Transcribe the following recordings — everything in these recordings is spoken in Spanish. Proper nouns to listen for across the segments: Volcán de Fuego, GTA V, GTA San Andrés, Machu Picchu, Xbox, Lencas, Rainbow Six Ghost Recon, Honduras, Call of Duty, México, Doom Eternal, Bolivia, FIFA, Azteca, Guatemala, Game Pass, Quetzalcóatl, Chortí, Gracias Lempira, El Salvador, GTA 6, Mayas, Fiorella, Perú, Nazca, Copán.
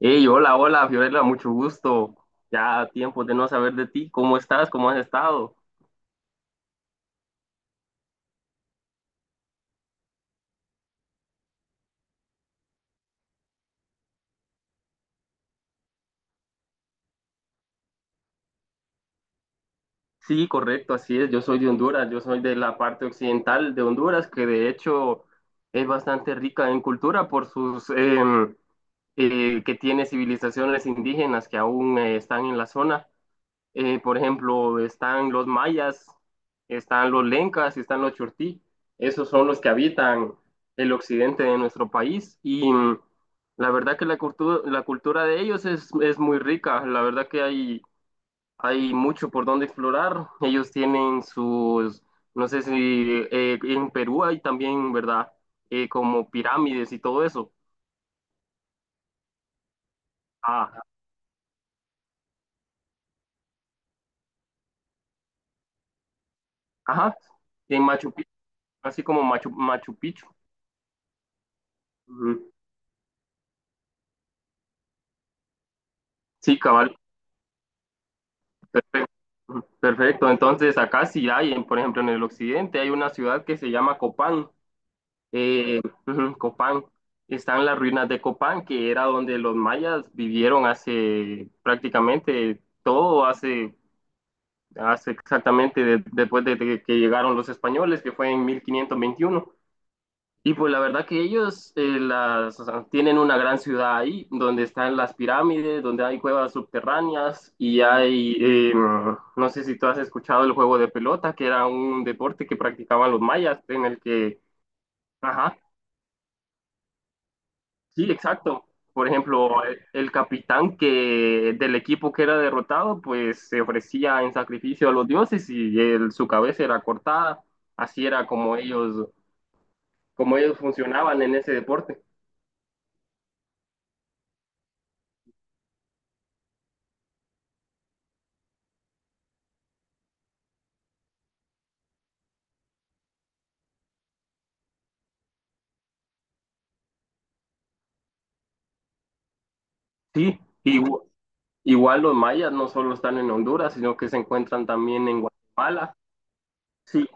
Hey, hola, hola, Fiorella, mucho gusto. Ya tiempo de no saber de ti. ¿Cómo estás? ¿Cómo has estado? Sí, correcto, así es. Yo soy de Honduras, yo soy de la parte occidental de Honduras, que de hecho es bastante rica en cultura por sus que tiene civilizaciones indígenas que aún están en la zona. Por ejemplo, están los mayas, están los lencas y están los chortí. Esos son los que habitan el occidente de nuestro país. Y la verdad que la cultura de ellos es muy rica. La verdad que hay mucho por donde explorar. Ellos tienen sus, no sé si en Perú hay también, ¿verdad? Como pirámides y todo eso. Ah, ajá. En Machu Picchu, así como Machu Picchu. Ujú. Sí, cabal. Perfecto. Perfecto. Entonces, acá sí hay, por ejemplo, en el occidente hay una ciudad que se llama Copán. Eh, ujú, Copán. Están las ruinas de Copán, que era donde los mayas vivieron hace prácticamente todo, hace exactamente después de que llegaron los españoles, que fue en 1521. Y pues la verdad que ellos o sea, tienen una gran ciudad ahí, donde están las pirámides, donde hay cuevas subterráneas y hay no sé si tú has escuchado el juego de pelota, que era un deporte que practicaban los mayas, en el que, ajá, sí, exacto. Por ejemplo, el capitán que del equipo que era derrotado, pues se ofrecía en sacrificio a los dioses y su cabeza era cortada. Así era como ellos funcionaban en ese deporte. Sí, y igual los mayas no solo están en Honduras, sino que se encuentran también en Guatemala. Sí,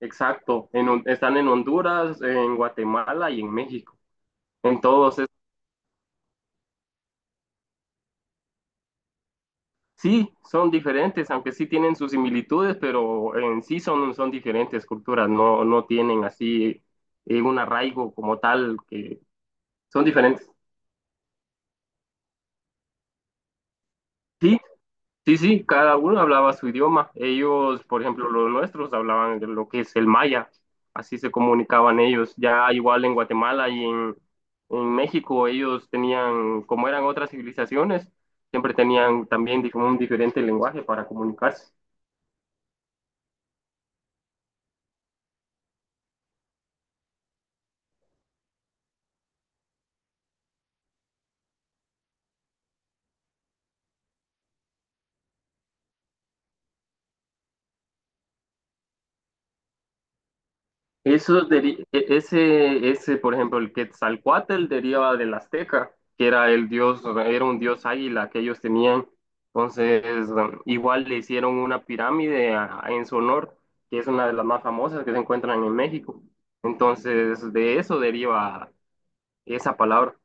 exacto. Están en Honduras, en Guatemala y en México. Entonces, sí, son diferentes, aunque sí tienen sus similitudes, pero en sí son diferentes culturas. No, no tienen así un arraigo como tal, que son diferentes. Sí, sí, sí, cada uno hablaba su idioma. Ellos, por ejemplo, los nuestros hablaban de lo que es el maya. Así se comunicaban ellos. Ya igual en Guatemala y en México, ellos tenían, como eran otras civilizaciones, siempre tenían también un diferente lenguaje para comunicarse. Eso deri- e- ese, por ejemplo, el Quetzalcóatl deriva del azteca, que era el dios, era un dios águila que ellos tenían. Entonces, bueno, igual le hicieron una pirámide en su honor, que es una de las más famosas que se encuentran en México. Entonces, de eso deriva esa palabra.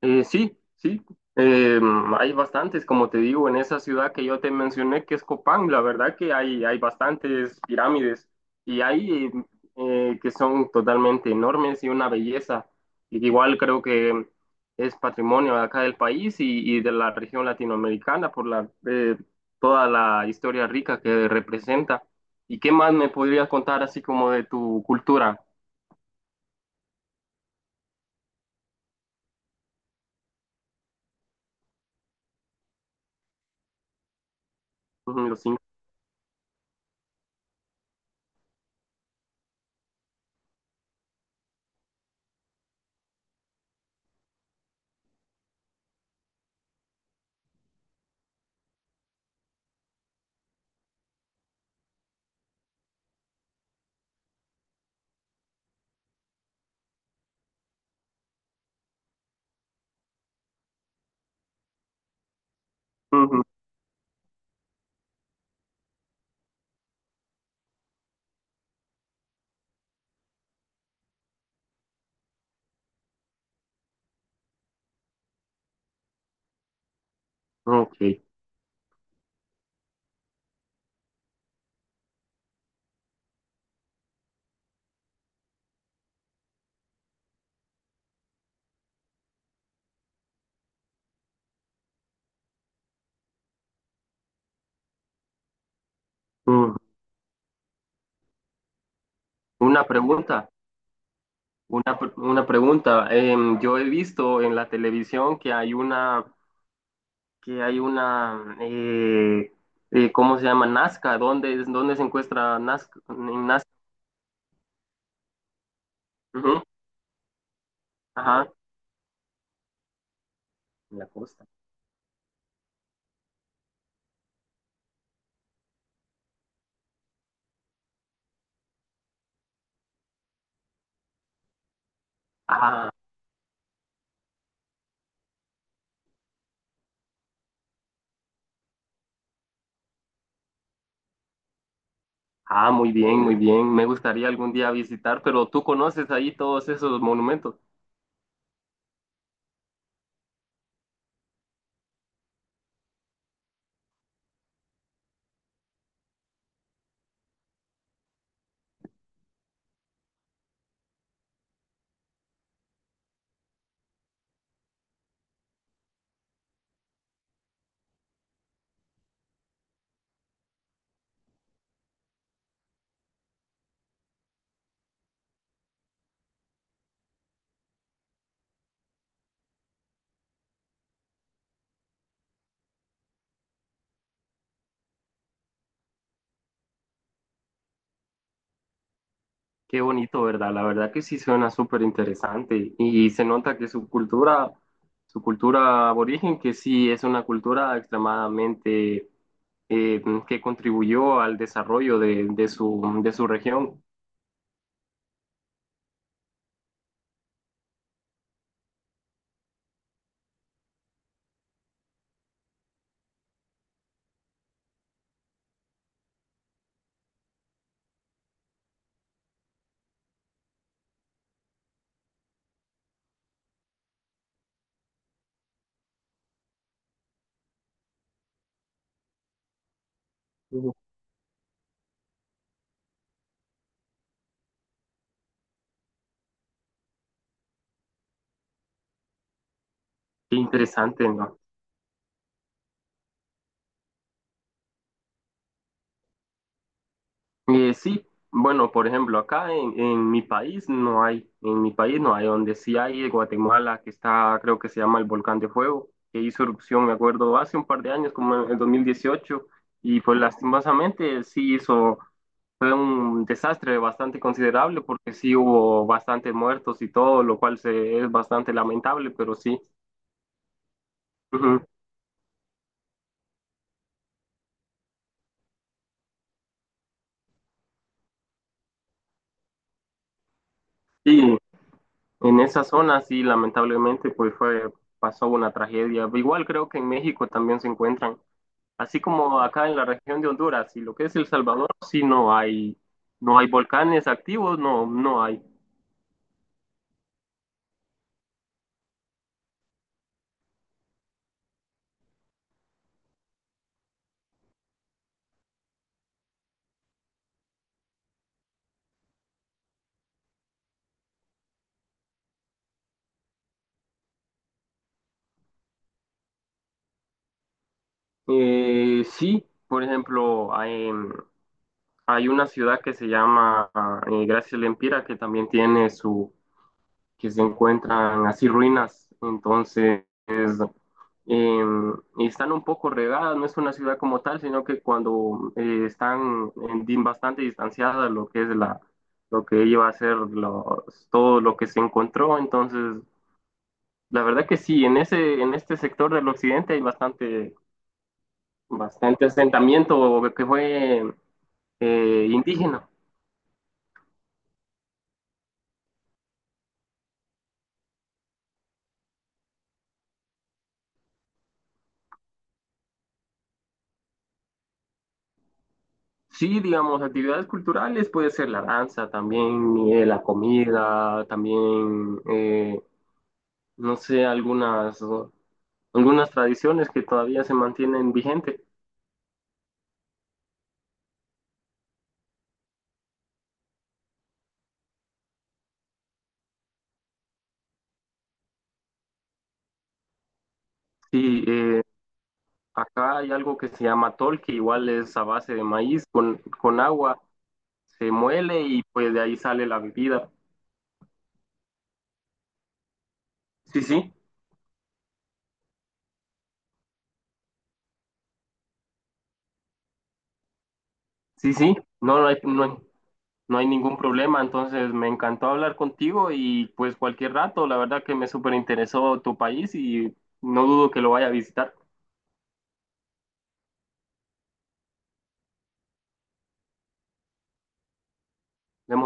Sí, sí. Eh, Hay bastantes, como te digo, en esa ciudad que yo te mencioné, que es Copán, la verdad que hay bastantes pirámides y hay que son totalmente enormes y una belleza. Y igual creo que es patrimonio de acá del país y de la región latinoamericana por toda la historia rica que representa. ¿Y qué más me podrías contar así como de tu cultura? Ujú, los incas. Ujú, ok. Ujú. Una pregunta. Una pregunta. Yo he visto en la televisión que hay una, que hay una, ¿cómo se llama? Nazca. ¿ Dónde se encuentra Nazca? En Nazca. Ujú, ajá. En la costa. Ah, ah, muy bien, muy bien. Me gustaría algún día visitar, pero tú conoces ahí todos esos monumentos. Qué bonito, ¿verdad? La verdad que sí suena súper interesante y se nota que su cultura aborigen, que sí es una cultura extremadamente eh, que contribuyó al desarrollo de su región. Ujú. Qué interesante, ¿no? Sí, bueno, por ejemplo, en mi país no hay, en mi país no hay, donde sí hay es Guatemala, que está, creo que se llama el Volcán de Fuego, que hizo erupción, me acuerdo, hace un par de años, como en el 2018 y pues lastimosamente fue un desastre bastante considerable porque sí hubo bastantes muertos y todo, lo cual es bastante lamentable, pero sí. Ujú. Y en esa zona, sí, lamentablemente, pasó una tragedia. Igual creo que en México también se encuentran, así como acá en la región de Honduras y lo que es El Salvador, sí no hay, no hay volcanes activos, no, no hay. Sí, por ejemplo, hay una ciudad que se llama Gracias Lempira que también tiene su, que se encuentran así ruinas, entonces eh, están un poco regadas, no es una ciudad como tal, sino que cuando bastante distanciadas lo que es lo que iba a ser los, todo lo que se encontró, entonces la verdad que sí, en este sector del occidente hay bastante, bastante asentamiento que fue indígena. Sí, digamos, actividades culturales puede ser la danza también, la comida, también, no sé, algunas, algunas tradiciones que todavía se mantienen vigentes. Sí, acá hay algo que se llama tol, que igual es a base de maíz con agua, se muele y pues de ahí sale la bebida. Sí, sí, sí, sí, no, no hay- no hay ningún problema, entonces me encantó hablar contigo y pues cualquier rato, la verdad que me súper interesó tu país y no dudo que lo vaya a visitar. Vemos.